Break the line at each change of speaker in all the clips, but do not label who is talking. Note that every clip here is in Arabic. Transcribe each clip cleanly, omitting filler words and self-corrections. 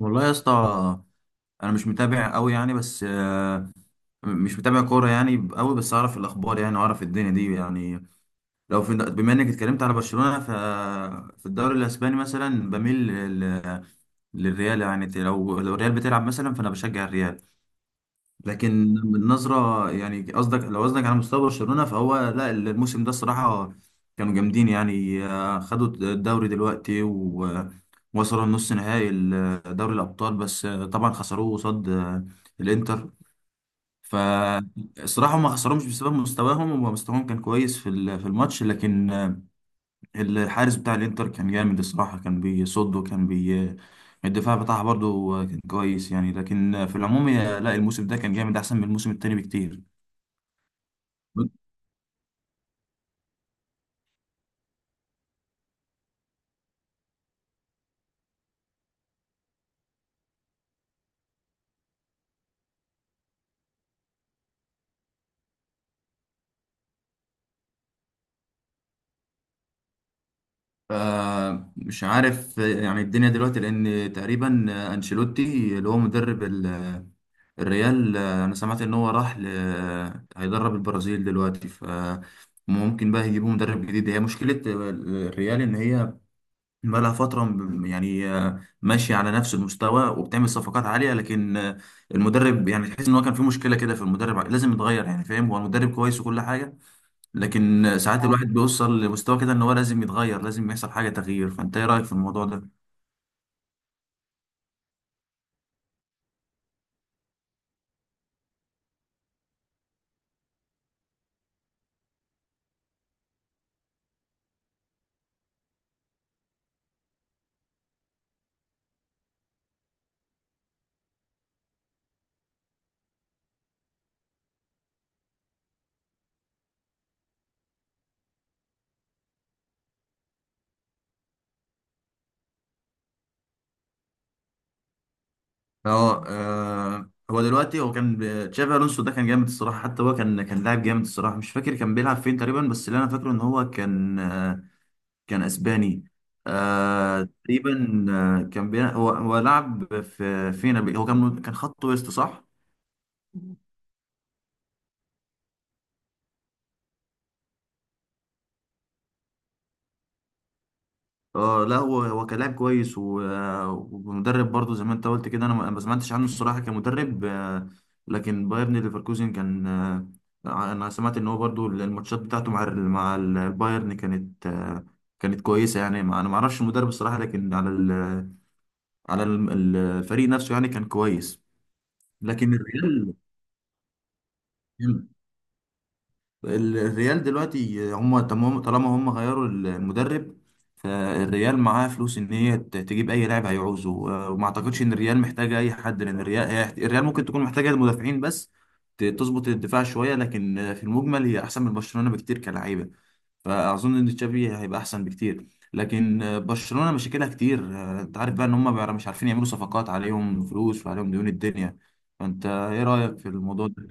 والله يا اسطى، انا مش متابع قوي يعني. بس مش متابع كوره يعني قوي، بس اعرف الاخبار يعني، واعرف الدنيا دي يعني. لو في، بما انك اتكلمت على برشلونه، في الدوري الاسباني مثلا بميل للريال يعني. لو الريال بتلعب مثلا فانا بشجع الريال. لكن النظرة يعني، قصدك لو قصدك على مستوى برشلونة، فهو لا، الموسم ده الصراحة كانوا جامدين يعني. خدوا الدوري دلوقتي ووصلوا النص نهائي دوري الأبطال، بس طبعا خسروه قصاد الإنتر. فالصراحة هم ما خسروهمش بسبب مستواهم، هو مستواهم كان كويس في في الماتش. لكن الحارس بتاع الانتر كان جامد الصراحة، كان بيصد. وكان بي الدفاع بتاعها برضو كان كويس يعني. لكن في العموم لا، الموسم ده كان جامد، احسن من الموسم التاني بكتير. مش عارف. يعني الدنيا دلوقتي، لان تقريبا انشيلوتي اللي هو مدرب الريال، انا سمعت ان هو راح ل... آه، هيدرب البرازيل دلوقتي. ممكن بقى يجيبوا مدرب جديد. هي مشكلة الريال ان هي بقالها فترة ماشية على نفس المستوى، وبتعمل صفقات عالية. لكن المدرب يعني تحس ان هو كان في مشكلة كده في المدرب، لازم يتغير يعني. فاهم، هو المدرب كويس وكل حاجة، لكن ساعات الواحد بيوصل لمستوى كده ان هو لازم يتغير، لازم يحصل حاجة تغيير. فانت ايه رأيك في الموضوع ده؟ اه. هو دلوقتي هو كان تشافي الونسو ده كان جامد الصراحة. حتى هو كان لاعب جامد الصراحة. مش فاكر كان بيلعب فين تقريبا، بس اللي انا فاكره ان هو كان اسباني. آه تقريبا، آه كان هو لعب في فينا هو كان كان خط وسط، صح؟ اه لا، هو كان لاعب كويس، و... آه، ومدرب برضه زي ما انت قلت كده. انا ما سمعتش عنه الصراحه كمدرب. لكن بايرن ليفركوزن كان. انا سمعت ان هو برضه الماتشات بتاعته مع البايرن كانت كويسه يعني. ما... انا ما اعرفش المدرب الصراحه، لكن على على ال- الفريق نفسه يعني كان كويس. لكن الريال، الريال دلوقتي هم تمام. طالما هم غيروا المدرب، فالريال معاه فلوس ان هي تجيب اي لاعب هيعوزه. وما اعتقدش ان الريال محتاجه اي حد، لان الريال الريال ممكن تكون محتاجه المدافعين بس، تظبط الدفاع شويه. لكن في المجمل هي احسن من برشلونه بكتير كلاعيبه. فاظن ان تشافي هيبقى احسن بكتير. لكن برشلونه مشاكلها كتير. انت عارف بقى ان هم بقى مش عارفين يعملوا صفقات، عليهم فلوس وعليهم ديون الدنيا. فانت ايه رايك في الموضوع ده؟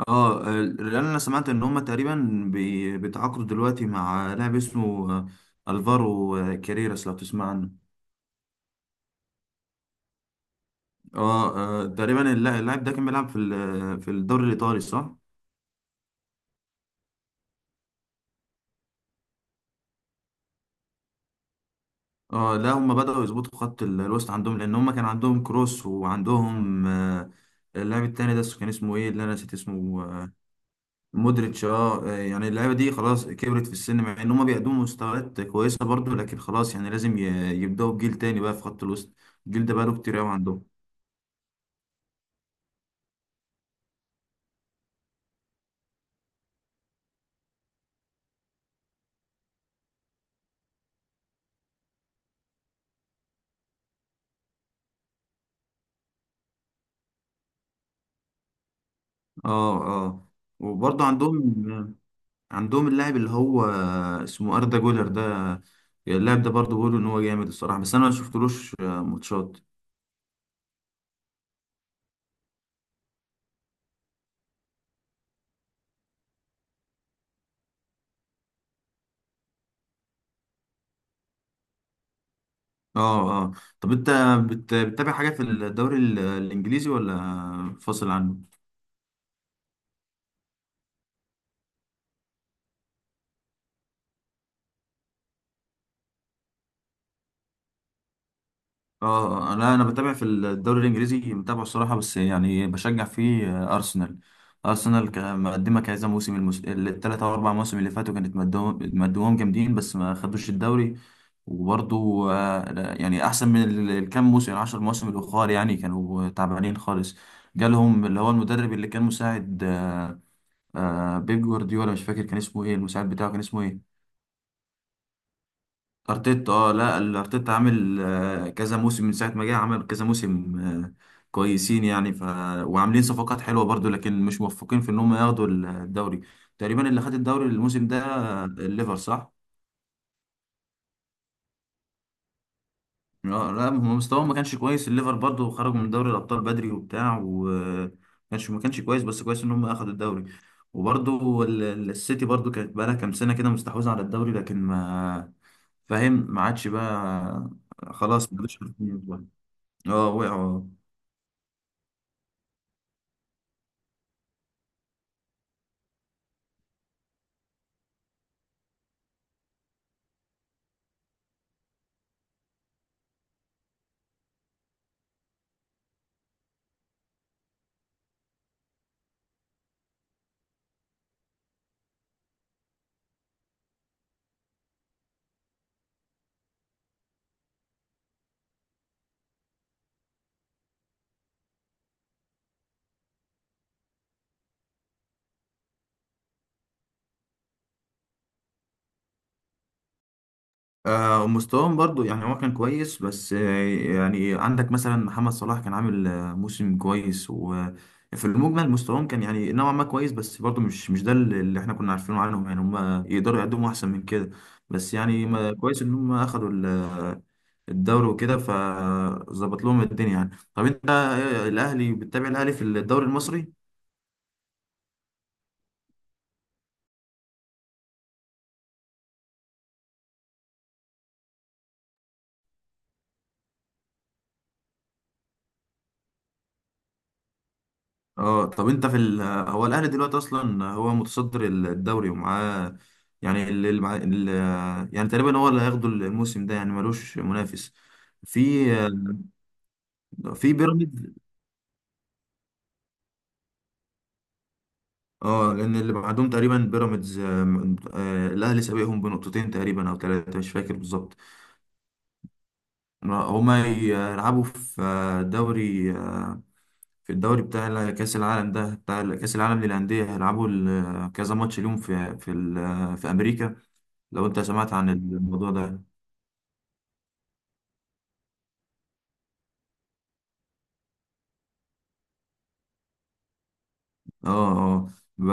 اه، لان انا سمعت ان هما تقريبا بيتعاقدوا دلوقتي مع لاعب اسمه الفارو كاريراس، لو تسمع عنه. اه. تقريبا اللاعب ده كان بيلعب في في الدوري الايطالي، صح؟ اه لا، هما بدأوا يظبطوا خط الوسط عندهم، لان هما كان عندهم كروس وعندهم اللاعب التاني ده كان اسمه ايه اللي انا نسيت اسمه؟ مودريتش. اه. يعني اللعيبه دي خلاص كبرت في السن، مع ان هما بيقدموا مستويات كويسه برضو، لكن خلاص يعني لازم يبدأوا بجيل تاني بقى في خط الوسط. الجيل ده بقاله كتير قوي عندهم. اه، اه، وبرضه عندهم اللاعب اللي هو اسمه اردا جولر ده. اللاعب ده برضه بيقولوا ان هو جامد الصراحه، بس انا ما شفتلوش ماتشات. اه، اه. طب انت بتتابع حاجه في الدوري الانجليزي ولا فاصل عنه؟ اه لا، انا بتابع في الدوري الانجليزي متابعه الصراحه، بس يعني بشجع فيه آه، ارسنال ارسنال مقدمه كذا موسم، الـ3 أو 4 مواسم اللي فاتوا كانت مدوهم مدوهم جامدين، بس ما خدوش الدوري. وبرضو لا، يعني احسن من الكام موسم، الـ10 مواسم الاخر يعني كانوا تعبانين خالص. جالهم اللي هو المدرب اللي كان مساعد بيب جوارديولا. مش فاكر كان اسمه ايه المساعد بتاعه، كان اسمه ايه؟ ارتيتا. اه، لا الارتيتا عامل كذا موسم، من ساعه ما جه عمل كذا موسم كويسين يعني. وعاملين صفقات حلوه برضو، لكن مش موفقين في ان هم ياخدوا الدوري. تقريبا اللي خد الدوري الموسم ده الليفر، صح؟ اه، لا هم مستواهم ما كانش كويس. الليفر برضو خرجوا من دوري الابطال بدري وبتاع، وما كانش ما كانش كويس. بس كويس ان هم اخدوا الدوري. وبرضو السيتي برضو كانت بقالها كام سنه كده مستحوذه على الدوري، لكن ما فاهم ما عادش بقى. خلاص ما عادش عارفين. اه، وقعوا. مستواهم برضو يعني هو كان كويس، بس يعني عندك مثلا محمد صلاح كان عامل موسم كويس. وفي المجمل مستواهم كان يعني نوعا ما كويس، بس برضو مش ده اللي احنا كنا عارفينه عنهم يعني، هم يقدروا يقدموا احسن من كده. بس يعني ما كويس ان هم اخدوا الدوري وكده، فظبط لهم الدنيا يعني. طب انت، الاهلي، بتتابع الاهلي في الدوري المصري؟ اه. طب انت في هو الاهلي دلوقتي اصلا هو متصدر الدوري، ومعاه يعني اللي معاه يعني تقريبا هو اللي هياخده الموسم ده، يعني ملوش منافس في في بيراميدز. اه، لان اللي بعدهم تقريبا بيراميدز. الاهلي سابقهم بنقطتين تقريبا او ثلاثه، مش فاكر بالظبط. هما يلعبوا في آه، دوري آه، في الدوري بتاع كاس العالم ده، بتاع كاس العالم للانديه. هيلعبوا كذا ماتش اليوم في امريكا، لو انت سمعت عن الموضوع ده. اه. اه. ب-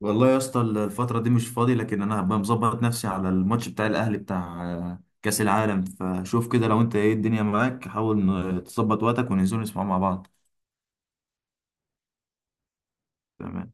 والله يا اسطى الفترة دي مش فاضي، لكن انا هبقى مظبط نفسي على الماتش بتاع الاهلي، بتاع كأس العالم. فشوف كده، لو انت ايه الدنيا معاك، حاول تظبط وقتك وننزل نسمع مع بعض. تمام.